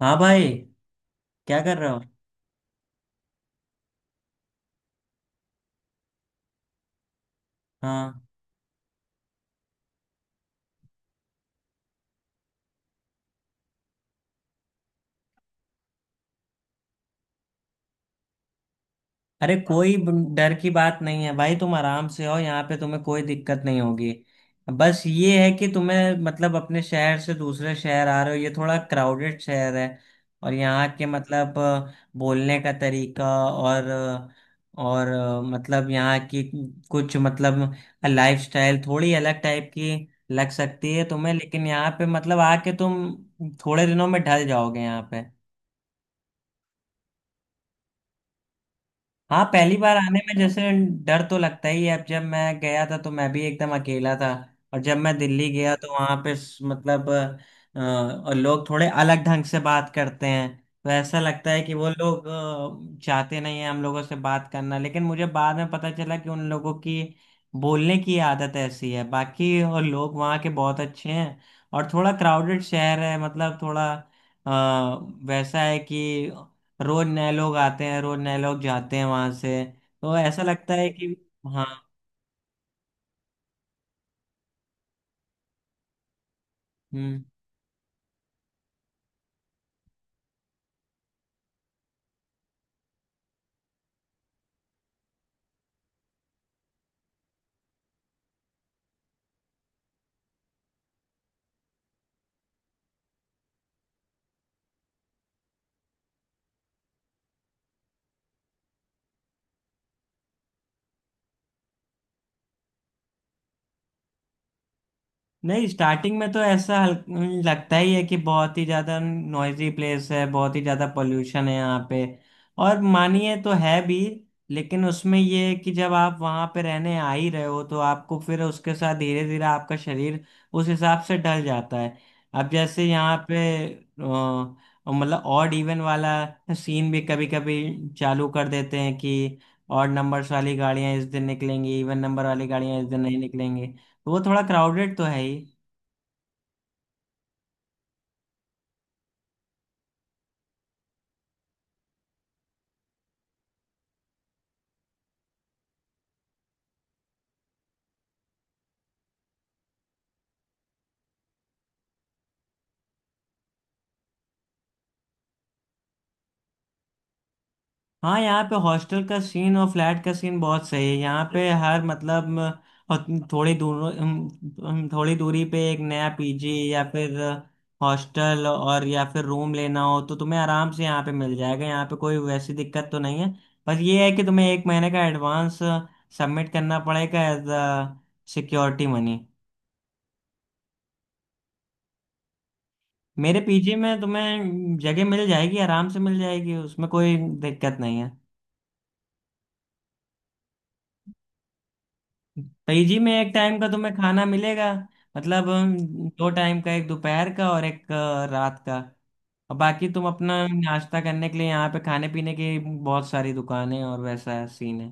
हाँ भाई। क्या कर रहे हो? हाँ, अरे कोई डर की बात नहीं है भाई, तुम आराम से हो यहाँ पे, तुम्हें कोई दिक्कत नहीं होगी। बस ये है कि तुम्हें मतलब अपने शहर से दूसरे शहर आ रहे हो, ये थोड़ा क्राउडेड शहर है। और यहाँ के मतलब बोलने का तरीका और मतलब यहाँ की कुछ मतलब लाइफस्टाइल थोड़ी अलग टाइप की लग सकती है तुम्हें, लेकिन यहाँ पे मतलब आके तुम थोड़े दिनों में ढल जाओगे यहाँ पे। हाँ, पहली बार आने में जैसे डर तो लगता ही है। अब जब मैं गया था तो मैं भी एकदम अकेला था, और जब मैं दिल्ली गया तो वहाँ पे मतलब और लोग थोड़े अलग ढंग से बात करते हैं, तो ऐसा लगता है कि वो लोग चाहते नहीं है हम लोगों से बात करना, लेकिन मुझे बाद में पता चला कि उन लोगों की बोलने की आदत ऐसी है, बाकी और लोग वहाँ के बहुत अच्छे हैं। और थोड़ा क्राउडेड शहर है, मतलब थोड़ा वैसा है कि रोज नए लोग आते हैं, रोज नए लोग जाते हैं वहां से, तो ऐसा लगता है कि। हाँ। हम्म। नहीं, स्टार्टिंग में तो ऐसा लगता ही है कि बहुत ही ज्यादा नॉइजी प्लेस है, बहुत ही ज्यादा पोल्यूशन है यहाँ पे, और मानिए तो है भी। लेकिन उसमें ये है कि जब आप वहाँ पे रहने आ ही रहे हो तो आपको फिर उसके साथ धीरे धीरे आपका शरीर उस हिसाब से ढल जाता है। अब जैसे यहाँ पे मतलब ऑड इवन वाला सीन भी कभी कभी चालू कर देते हैं कि ऑड नंबर्स वाली गाड़ियाँ इस दिन निकलेंगी, इवन नंबर वाली गाड़ियाँ इस दिन नहीं निकलेंगी, तो वो थोड़ा क्राउडेड तो है ही। हाँ, यहाँ पे हॉस्टल का सीन और फ्लैट का सीन बहुत सही है। यहाँ पे हर मतलब अ, थोड़ी दूर थोड़ी दूरी पे एक नया पीजी या फिर हॉस्टल और या फिर रूम लेना हो तो तुम्हें आराम से यहाँ पे मिल जाएगा, यहाँ पे कोई वैसी दिक्कत तो नहीं है। बस ये है कि तुम्हें एक महीने का एडवांस सबमिट करना पड़ेगा एज अ सिक्योरिटी मनी। मेरे पीजी में तुम्हें जगह मिल जाएगी, आराम से मिल जाएगी, उसमें कोई दिक्कत नहीं है। पीजी में एक टाइम का तुम्हें खाना मिलेगा, मतलब दो टाइम का, एक दोपहर का और एक रात का। और बाकी तुम अपना नाश्ता करने के लिए यहाँ पे खाने पीने की बहुत सारी दुकानें और वैसा सीन है।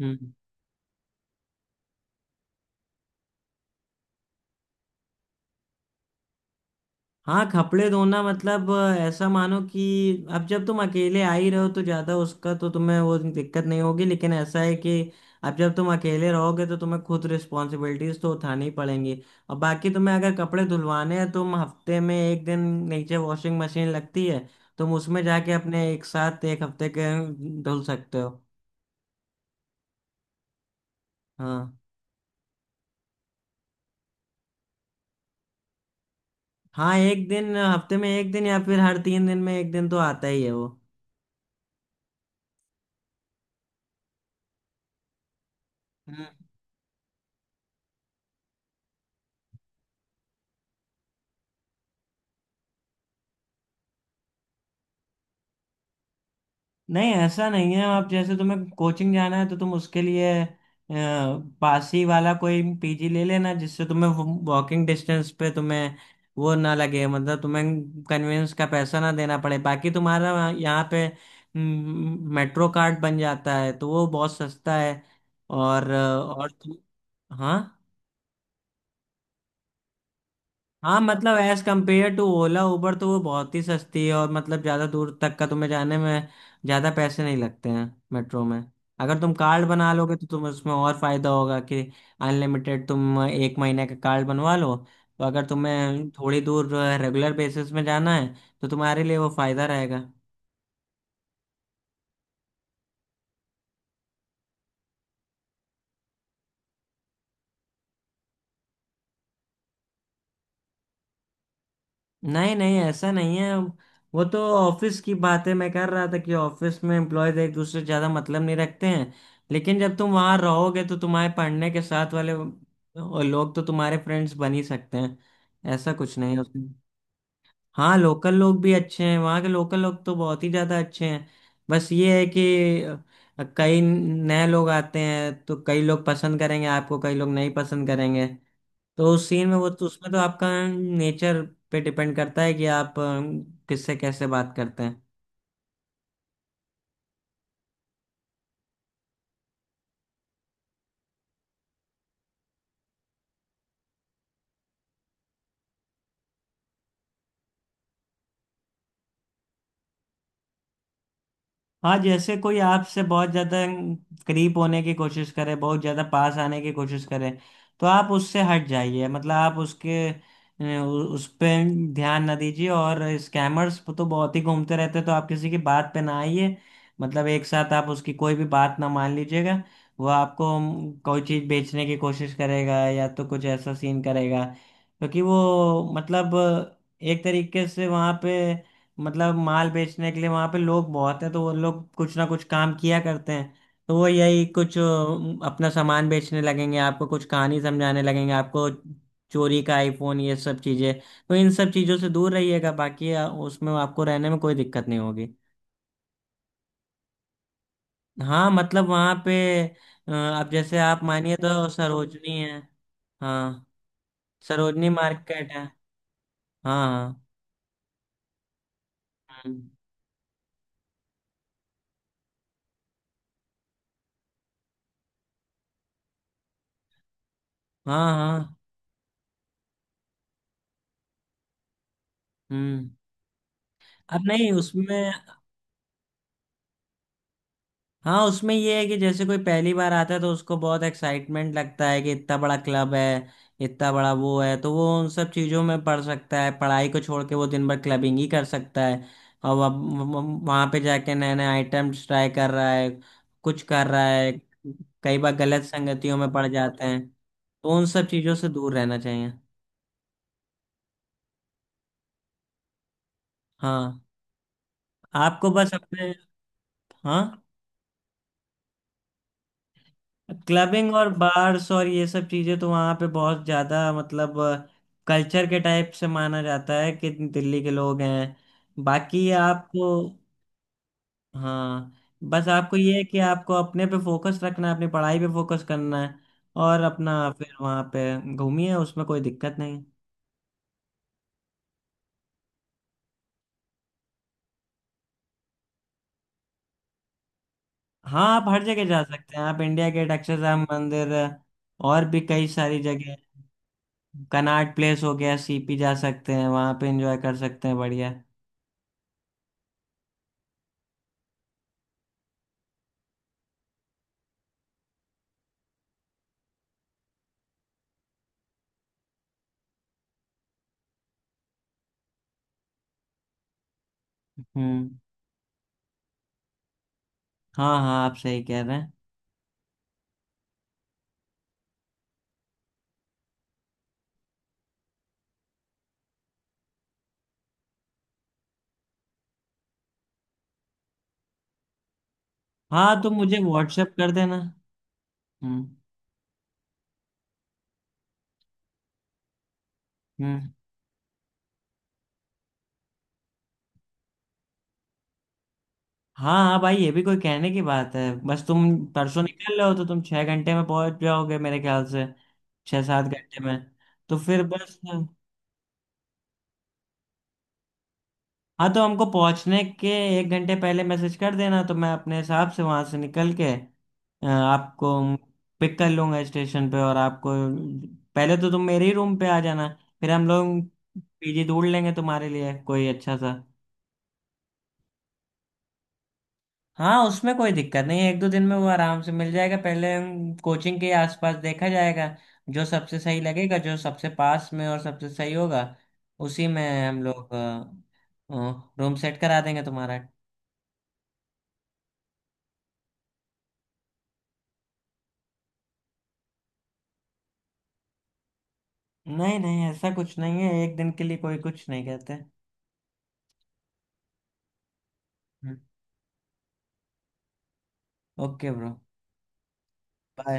हम्म। हाँ, कपड़े धोना मतलब ऐसा मानो कि अब जब तुम अकेले आ ही रहे हो तो ज़्यादा उसका तो तुम्हें वो दिक्कत नहीं होगी, लेकिन ऐसा है कि अब जब तुम अकेले रहोगे तो तुम्हें खुद रिस्पॉन्सिबिलिटीज तो उठानी पड़ेंगी। और बाकी तुम्हें अगर कपड़े धुलवाने हैं तो तुम हफ्ते में एक दिन नीचे वॉशिंग मशीन लगती है, तुम उसमें जाके अपने एक साथ एक हफ्ते के धुल सकते हो। हाँ हाँ, एक दिन हफ्ते में, एक दिन या फिर हर तीन दिन में एक दिन तो आता ही है वो। नहीं, ऐसा नहीं है, आप जैसे तुम्हें कोचिंग जाना है तो तुम उसके लिए पास ही वाला कोई पीजी ले लेना जिससे तुम्हें वॉकिंग डिस्टेंस पे तुम्हें वो ना लगे, मतलब तुम्हें कन्वेंस का पैसा ना देना पड़े। बाकी तुम्हारा यहाँ पे मेट्रो कार्ड बन जाता है तो वो बहुत सस्ता है। और और तुम हाँ। हाँ, मतलब as compare to Ola Uber तो वो बहुत ही सस्ती है, और मतलब ज़्यादा दूर तक का तुम्हें जाने में ज़्यादा पैसे नहीं लगते हैं मेट्रो में। अगर तुम कार्ड बना लोगे तो तुम उसमें और फायदा होगा कि अनलिमिटेड, तुम एक महीने का कार्ड बनवा लो तो अगर तुम्हें थोड़ी दूर रेगुलर बेसिस में जाना है तो तुम्हारे लिए वो फायदा रहेगा। नहीं नहीं, ऐसा नहीं है, वो तो ऑफिस की बातें मैं कर रहा था कि ऑफिस में एम्प्लॉयज एक दूसरे से ज्यादा मतलब नहीं रखते हैं। लेकिन जब तुम वहां रहोगे तो तुम्हारे पढ़ने के साथ वाले वो लोग तो तुम्हारे फ्रेंड्स बन ही सकते हैं, ऐसा कुछ नहीं है उसमें। हाँ, लोकल लोग भी अच्छे हैं, वहाँ के लोकल लोग तो बहुत ही ज्यादा अच्छे हैं। बस ये है कि कई नए लोग आते हैं तो कई लोग पसंद करेंगे आपको, कई लोग नहीं पसंद करेंगे। तो उस सीन में वो, तो उसमें तो आपका नेचर पे डिपेंड करता है कि आप किससे कैसे बात करते हैं। हाँ, जैसे कोई आपसे बहुत ज्यादा करीब होने की कोशिश करे, बहुत ज्यादा पास आने की कोशिश करे, तो आप उससे हट जाइए, मतलब आप उसके उस पे ध्यान ना दीजिए। और स्कैमर्स तो बहुत ही घूमते रहते हैं, तो आप किसी की बात पे ना आइए, मतलब एक साथ आप उसकी कोई भी बात ना मान लीजिएगा। वो आपको कोई चीज बेचने की कोशिश करेगा या तो कुछ ऐसा सीन करेगा, क्योंकि वो मतलब एक तरीके से वहाँ पे मतलब माल बेचने के लिए वहां पे लोग बहुत हैं, तो वो लोग कुछ ना कुछ काम किया करते हैं। तो वो यही कुछ अपना सामान बेचने लगेंगे आपको, कुछ कहानी समझाने लगेंगे आपको, चोरी का आईफोन, ये सब चीजें। तो इन सब चीजों से दूर रहिएगा, बाकी उसमें आपको रहने में कोई दिक्कत नहीं होगी। हाँ, मतलब वहां पे अब जैसे आप मानिए तो सरोजनी है। हाँ, सरोजनी मार्केट है। हाँ हाँ, हाँ हाँ, हम्म। अब नहीं उसमें। हाँ, उसमें ये है कि जैसे कोई पहली बार आता है तो उसको बहुत एक्साइटमेंट लगता है कि इतना बड़ा क्लब है, इतना बड़ा वो है, तो वो उन सब चीज़ों में पढ़ सकता है, पढ़ाई को छोड़ के वो दिन भर क्लबिंग ही कर सकता है। और वह वहाँ पे जाके नए नए आइटम्स ट्राई कर रहा है, कुछ कर रहा है, कई बार गलत संगतियों में पड़ जाते हैं, तो उन सब चीज़ों से दूर रहना चाहिए। हाँ, आपको बस अपने। हाँ, क्लबिंग और बार्स और ये सब चीजें तो वहां पे बहुत ज्यादा मतलब कल्चर के टाइप से माना जाता है कि दिल्ली के लोग हैं। बाकी आपको हाँ, बस आपको ये है कि आपको अपने पे फोकस रखना है, अपनी पढ़ाई पे फोकस करना है, और अपना फिर वहां पे घूमिए, उसमें कोई दिक्कत नहीं। हाँ, आप हर जगह जा सकते हैं, आप इंडिया गेट, अक्षरधाम मंदिर और भी कई सारी जगह, कनॉट प्लेस हो गया, सीपी जा सकते हैं, वहां पे एंजॉय कर सकते हैं, बढ़िया। हम्म। हाँ हाँ, आप सही कह रहे हैं। हाँ, तो मुझे व्हाट्सएप कर देना। हम्म। हम्म। हाँ हाँ भाई, ये भी कोई कहने की बात है। बस तुम परसों निकल रहे हो तो तुम छह घंटे में पहुंच जाओगे मेरे ख्याल से, छह सात घंटे में। तो फिर बस हाँ, तो हमको पहुंचने के एक घंटे पहले मैसेज कर देना तो मैं अपने हिसाब से वहां से निकल के आपको पिक कर लूंगा स्टेशन पे। और आपको पहले तो तुम मेरे ही रूम पे आ जाना, फिर हम लोग पीजी ढूंढ लेंगे तुम्हारे लिए कोई अच्छा सा। हाँ, उसमें कोई दिक्कत नहीं है, एक दो दिन में वो आराम से मिल जाएगा, पहले हम कोचिंग के आसपास देखा जाएगा, जो सबसे सही लगेगा, जो सबसे पास में और सबसे सही होगा उसी में हम लोग रूम सेट करा देंगे तुम्हारा। नहीं नहीं, ऐसा कुछ नहीं है, एक दिन के लिए कोई कुछ नहीं कहते। Okay bro, bye.